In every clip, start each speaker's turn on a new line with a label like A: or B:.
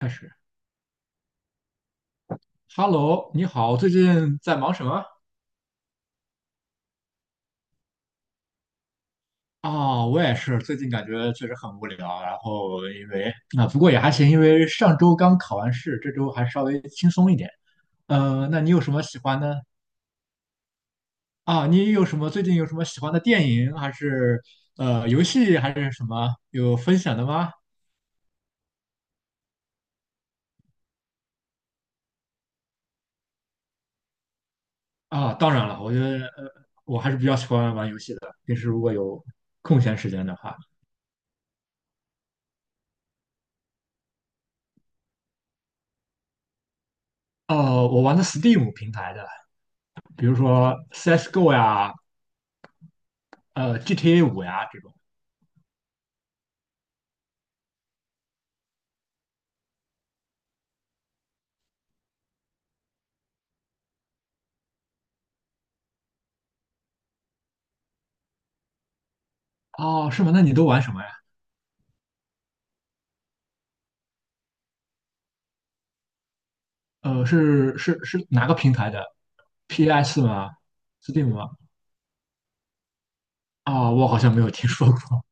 A: 开始，Hello，你好，最近在忙什么？啊、我也是，最近感觉确实很无聊，然后因为啊，不过也还行，因为上周刚考完试，这周还稍微轻松一点。那你有什么喜欢的啊？你有什么最近有什么喜欢的电影，还是游戏，还是什么有分享的吗？啊，当然了，我觉得我还是比较喜欢玩游戏的，平时如果有空闲时间的话。我玩的 Steam 平台的，比如说 CSGO 呀，GTA 五呀这种。哦，是吗？那你都玩什么呀？是哪个平台的？PS 吗？Steam 吗？哦，我好像没有听说过。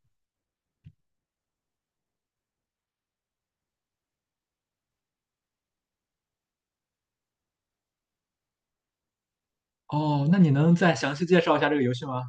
A: 哦，那你能再详细介绍一下这个游戏吗？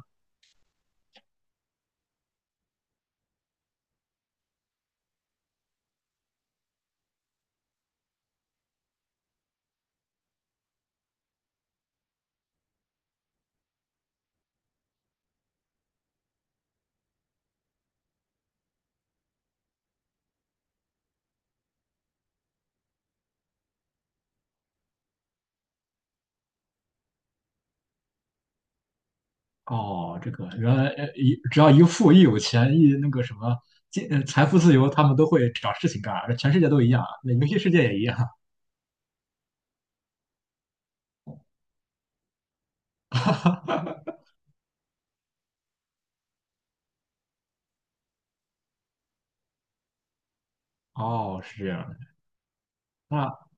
A: 哦，这个原来呃一只要一富一有钱一那个什么金呃财富自由，他们都会找事情干，全世界都一样啊，那游戏世界也一样。哦，是这样的。那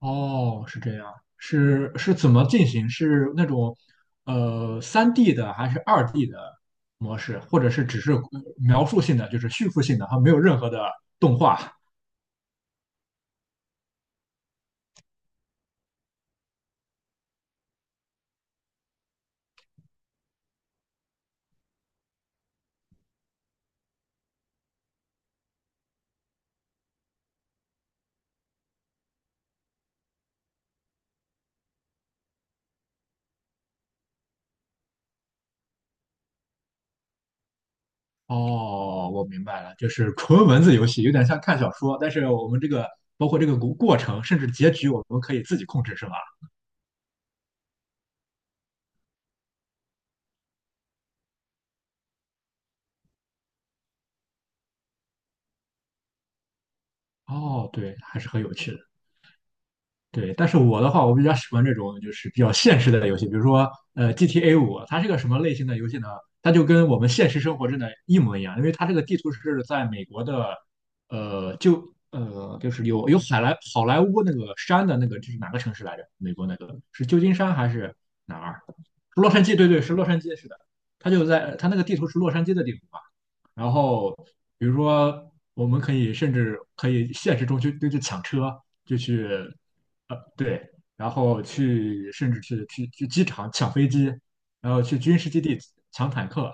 A: 哦，是这样，是怎么进行？是那种3D 的还是2D 的模式，或者是只是描述性的，就是叙述性的，它没有任何的动画？哦，我明白了，就是纯文字游戏，有点像看小说，但是我们这个包括这个过程，甚至结局，我们可以自己控制，是吧？哦，对，还是很有趣的。对，但是我的话，我比较喜欢这种就是比较现实的游戏，比如说GTA 五，它是个什么类型的游戏呢？它就跟我们现实生活真的一模一样，因为它这个地图是在美国的，就是有好莱坞那个山的那个，这是哪个城市来着？美国那个是旧金山还是哪儿？洛杉矶，对对，是洛杉矶，是的。它就在它那个地图是洛杉矶的地图嘛，然后比如说我们可以甚至可以现实中去就去抢车，就去对，然后去甚至去机场抢飞机，然后去军事基地抢坦克，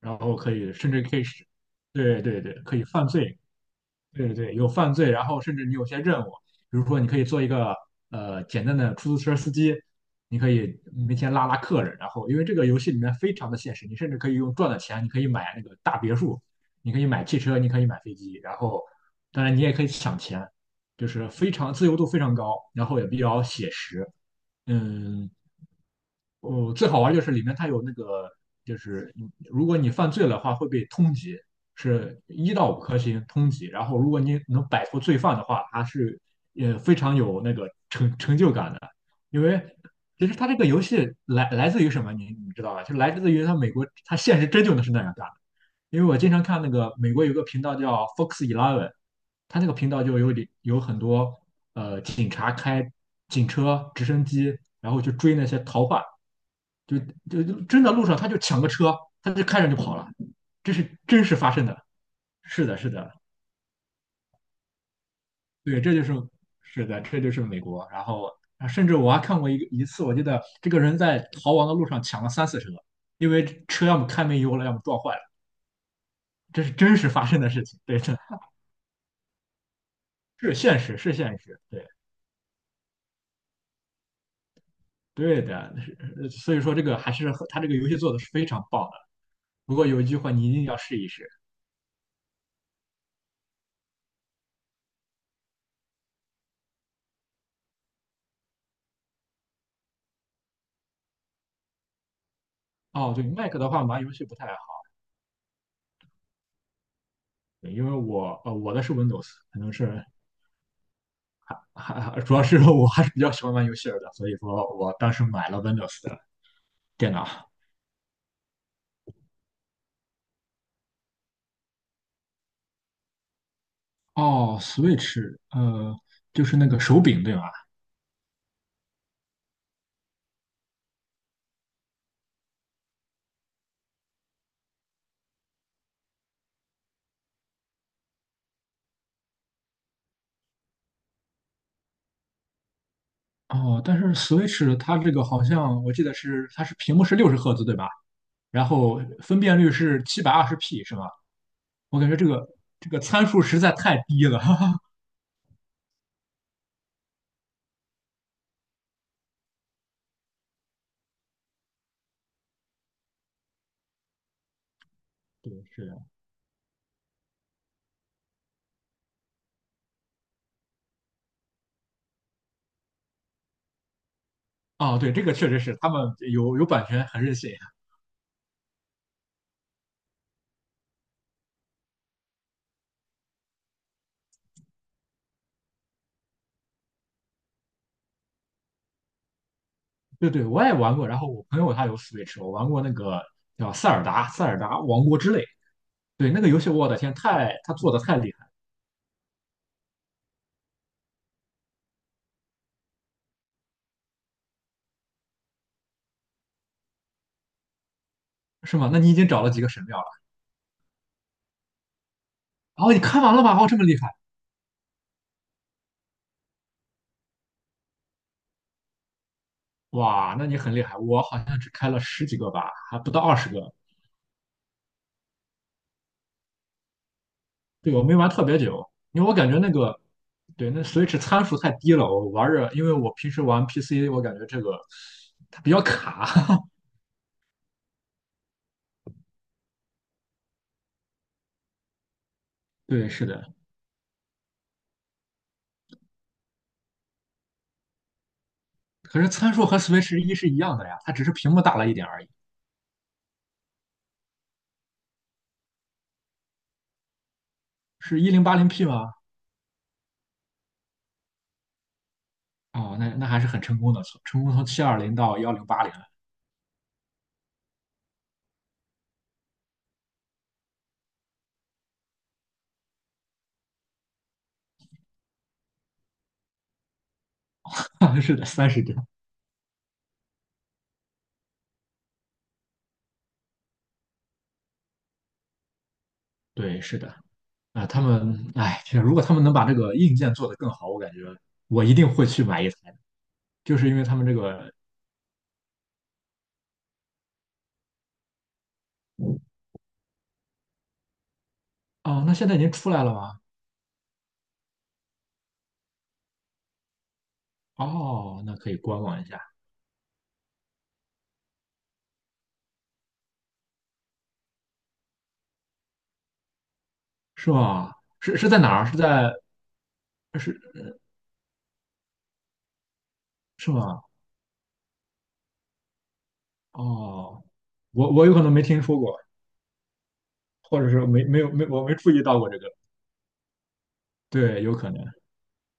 A: 然后可以甚至可以是，对对对，可以犯罪。对对对，有犯罪，然后甚至你有些任务，比如说你可以做一个简单的出租车司机，你可以每天拉拉客人，然后因为这个游戏里面非常的现实，你甚至可以用赚的钱，你可以买那个大别墅，你可以买汽车，你可以买飞机，然后当然你也可以抢钱，就是非常自由度非常高，然后也比较写实。嗯，哦，最好玩就是里面它有那个，就是你如果你犯罪了的话会被通缉，是一到五颗星通缉。然后如果你能摆脱罪犯的话，它是也非常有那个成就感的。因为其实它这个游戏来自于什么，你知道吧？就来自于它美国，它现实真就能是那样干的。因为我经常看那个美国有个频道叫 Fox 11，它那个频道里有很多警察开警车、直升机，然后去追那些逃犯。就就真的路上他就抢个车，他就开着就跑了，这是真实发生的。是的，是的，对，这就是是的，这就是美国。然后啊甚至我还看过一次，我记得这个人在逃亡的路上抢了三四车，因为车要么开没油了，要么撞坏了，这是真实发生的事情。对的，是现实，是现实，对对的。是所以说这个还是和他这个游戏做的是非常棒的。不过有一句话你一定要试一试。哦，对麦克的话玩游戏不太对，因为我的是 Windows，可能是还主要是我还是比较喜欢玩游戏的，所以说我当时买了 Windows 的电脑。哦，Switch，就是那个手柄对吧？哦，但是 Switch 它这个好像我记得是它是屏幕是60赫兹对吧？然后分辨率是720P 是吧？我感觉这个这个参数实在太低了。对，是的。哦，对，这个确实是他们有有版权很任性。对对，我也玩过。然后我朋友他有 Switch，我玩过那个叫《塞尔达王国之泪》。对，那个游戏，我的天，太他做的太厉害，是吗？那你已经找了几个神庙了？哦，你看完了吧？哦，这么厉害，哇，那你很厉害。我好像只开了十几个吧，还不到20个。对，我没玩特别久，因为我感觉那个对那 Switch 参数太低了，我玩着，因为我平时玩 PC，我感觉这个它比较卡。对，是的，可是参数和 Switch 一是一样的呀，它只是屏幕大了一点而已。是1080P 吗？哦，那那还是很成功的，从成功从720到1080了，是的，30帧，对，是的，啊、他们，哎，其实如果他们能把这个硬件做得更好，我感觉我一定会去买一台的，就是因为他们这个，哦，那现在已经出来了吗？哦，那可以观望一下，是吗？是在哪儿？是在是是吗？哦，我有可能没听说过，或者是没没有没我没注意到过这个，对，有可能。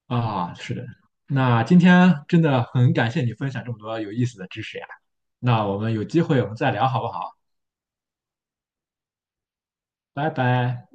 A: 啊，是的。那今天真的很感谢你分享这么多有意思的知识呀。那我们有机会我们再聊好不好？拜拜。